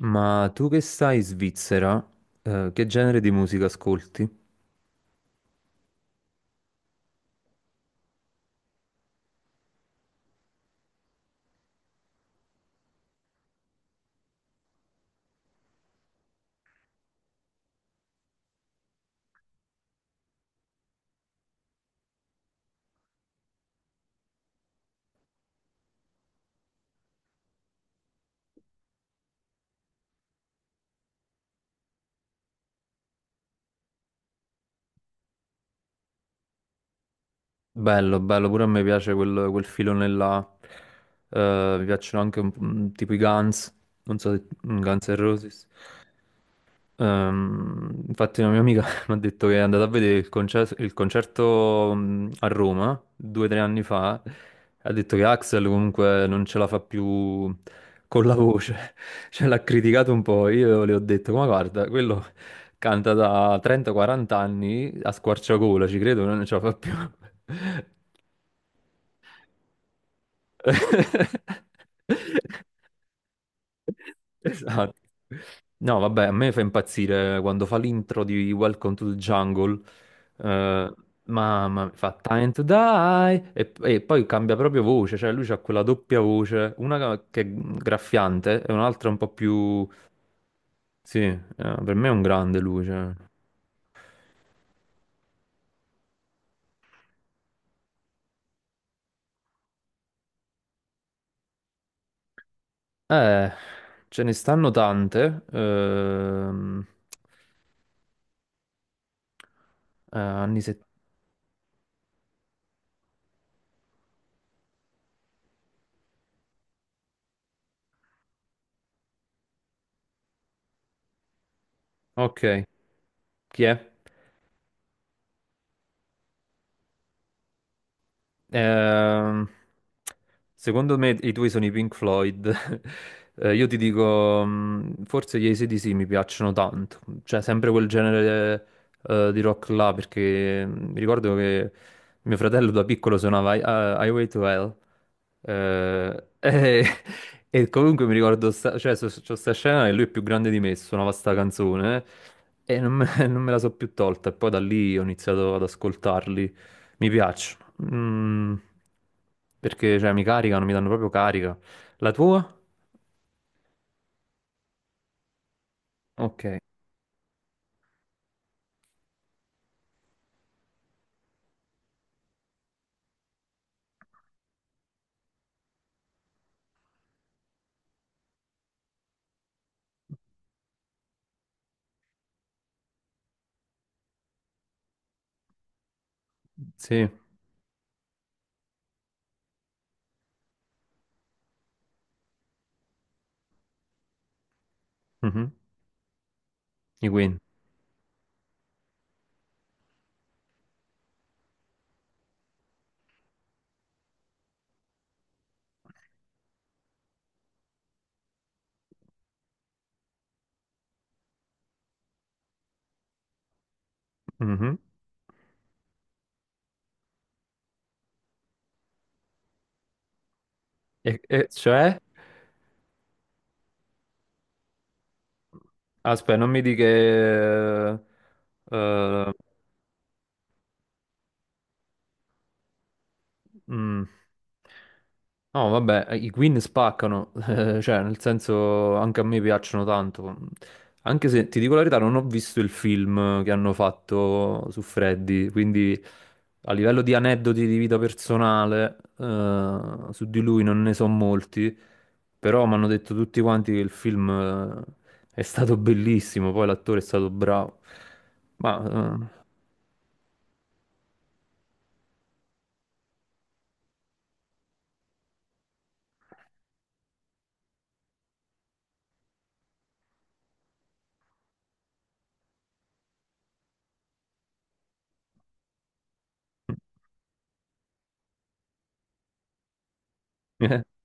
Ma tu che stai in Svizzera, che genere di musica ascolti? Bello, bello, pure a me piace quel filone là. Mi piacciono anche tipo i Guns, non so se Guns N' Roses. Infatti una mia amica mi ha detto che è andata a vedere il concerto a Roma due o tre anni fa. Ha detto che Axel comunque non ce la fa più con la voce, cioè l'ha criticato un po'. Io le ho detto, ma guarda, quello canta da 30-40 anni a squarciagola, ci credo, non ce la fa più. Esatto. No, vabbè, a me fa impazzire quando fa l'intro di Welcome to the Jungle. Eh, mamma mia, fa Time to Die e poi cambia proprio voce, cioè lui ha quella doppia voce, una che è graffiante e un'altra un po' più... Sì, per me è un grande lui, cioè. Eh, ce ne stanno tante. Anni 70. Ok, chi è? Ehm, Secondo me i tuoi sono i Pink Floyd. Io ti dico, forse gli AC/DC mi piacciono tanto, cioè sempre quel genere di rock là, perché mi ricordo che mio fratello da piccolo suonava Highway to Hell. Eh, e, e comunque mi ricordo, c'ho sta scena e lui è più grande di me, suonava sta canzone e non me, non me la so più tolta. E poi da lì ho iniziato ad ascoltarli. Mi piace. Mm, Perché cioè, mi caricano, mi danno proprio carica. La tua? Ok, sì, mhm, i Queen. Mhm. E cioè? Aspetta, non mi di che... eh, Mm. No, vabbè, i Queen spaccano, cioè, nel senso, anche a me piacciono tanto. Anche se, ti dico la verità, non ho visto il film che hanno fatto su Freddy, quindi a livello di aneddoti di vita personale, su di lui non ne so molti, però mi hanno detto tutti quanti che il film, eh, è stato bellissimo, poi l'attore è stato bravo. Ma, eh,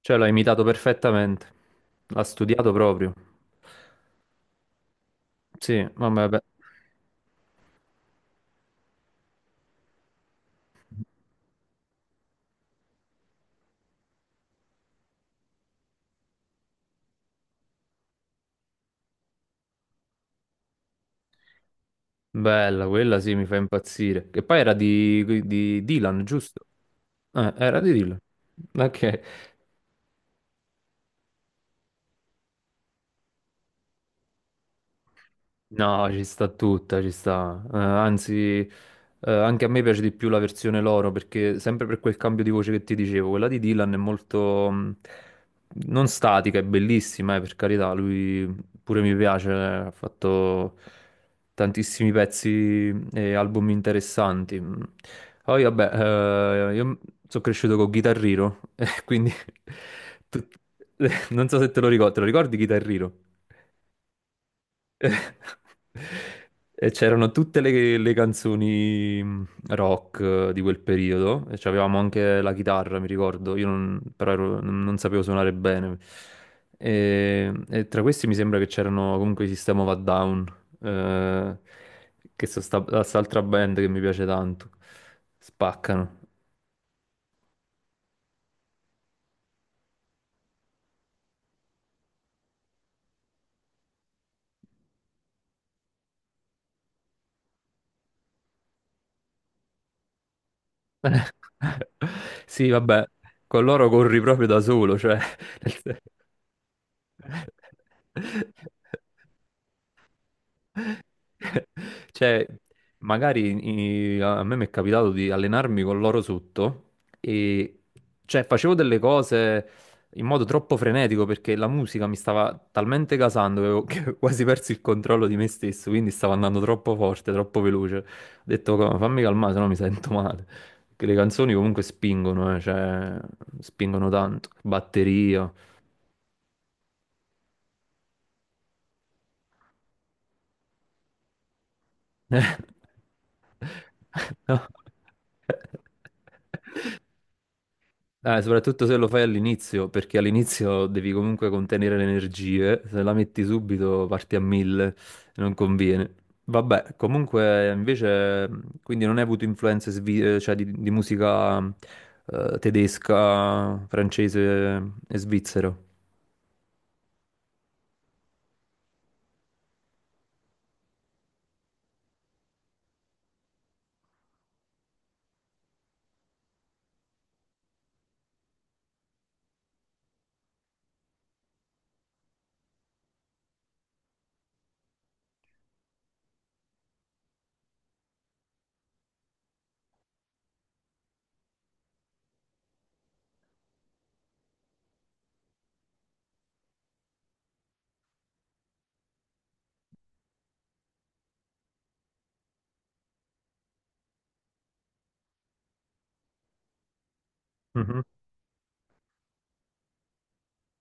cioè, l'ha imitato perfettamente. L'ha studiato proprio. Sì, vabbè, beh. Bella, quella sì, mi fa impazzire. Che poi era di Dylan, giusto? Era di Dylan. Ok. No, ci sta tutta, ci sta. Anzi, anche a me piace di più la versione loro perché sempre per quel cambio di voce che ti dicevo, quella di Dylan è molto non statica, è bellissima, per carità, lui pure mi piace, ha fatto tantissimi pezzi e album interessanti. Mm. Poi vabbè, io sono cresciuto con Guitar Hero, e quindi tut- non so se te lo ricordi, te lo ricordi Guitar Hero? E c'erano tutte le canzoni rock di quel periodo, e avevamo anche la chitarra, mi ricordo, io non, però ero- non sapevo suonare bene. E tra questi mi sembra che c'erano comunque i System of a Down, eh, che sono quest'altra band che mi piace tanto. Spaccano. Sì, vabbè, con loro corri proprio da solo, cioè... nel sen- Cioè, a me mi è capitato di allenarmi con l'oro sotto e cioè, facevo delle cose in modo troppo frenetico perché la musica mi stava talmente gasando che avevo che ho quasi perso il controllo di me stesso, quindi stavo andando troppo forte, troppo veloce. Ho detto, Fammi calmare, sennò mi sento male. Perché le canzoni comunque spingono, cioè, spingono tanto. Batteria. No. Soprattutto se lo fai all'inizio, perché all'inizio devi comunque contenere le energie, se la metti subito parti a mille, non conviene. Vabbè, comunque invece, quindi non hai avuto influenze di musica tedesca, francese e svizzera.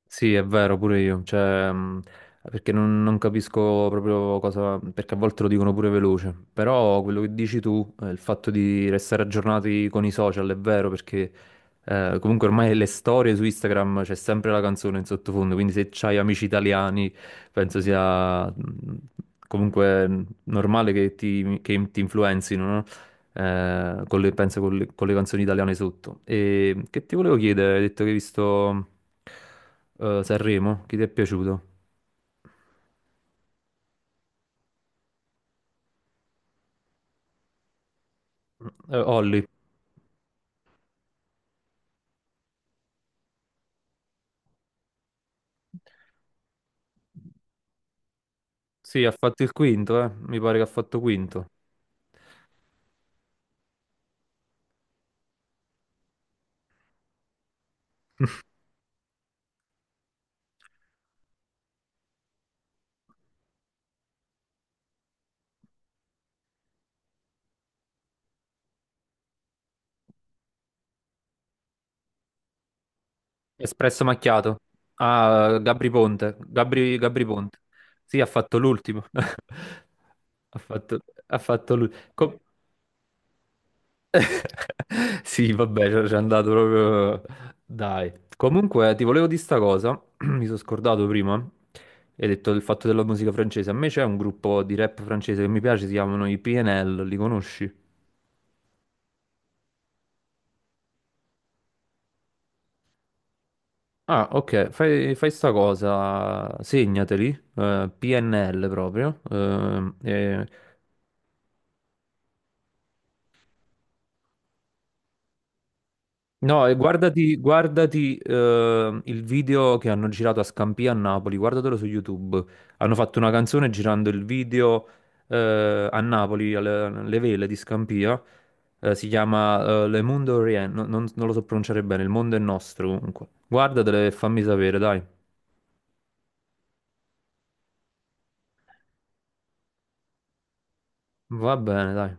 Sì, è vero, pure io, cioè, perché non capisco proprio cosa, perché a volte lo dicono pure veloce, però quello che dici tu, il fatto di restare aggiornati con i social è vero, perché comunque ormai le storie su Instagram c'è sempre la canzone in sottofondo, quindi se c'hai amici italiani penso sia comunque normale che ti influenzino, no? Eh, con le, penso con le canzoni italiane sotto. E che ti volevo chiedere, hai detto che hai visto Sanremo, chi ti è piaciuto? Olli, sì, ha fatto il quinto, mi pare che ha fatto quinto. Espresso macchiato. Ah, Gabri Ponte, Gabri Ponte. Sì, ha fatto l'ultimo. Ha fatto, ha fatto l'ultimo. Sì, vabbè, ci c'è andato proprio. Dai. Comunque, ti volevo dire sta cosa. Mi sono scordato prima. Hai detto del fatto della musica francese. A me c'è un gruppo di rap francese che mi piace, si chiamano i PNL, li conosci? Ah, ok, fai sta cosa, segnateli, PNL proprio, e no, e guardati il video che hanno girato a Scampia a Napoli, guardatelo su YouTube. Hanno fatto una canzone girando il video a Napoli, alle vele di Scampia. Si chiama Le Mondo Orient, non lo so pronunciare bene, Il Mondo è Nostro comunque. Guardatelo e fammi sapere, dai. Va bene, dai.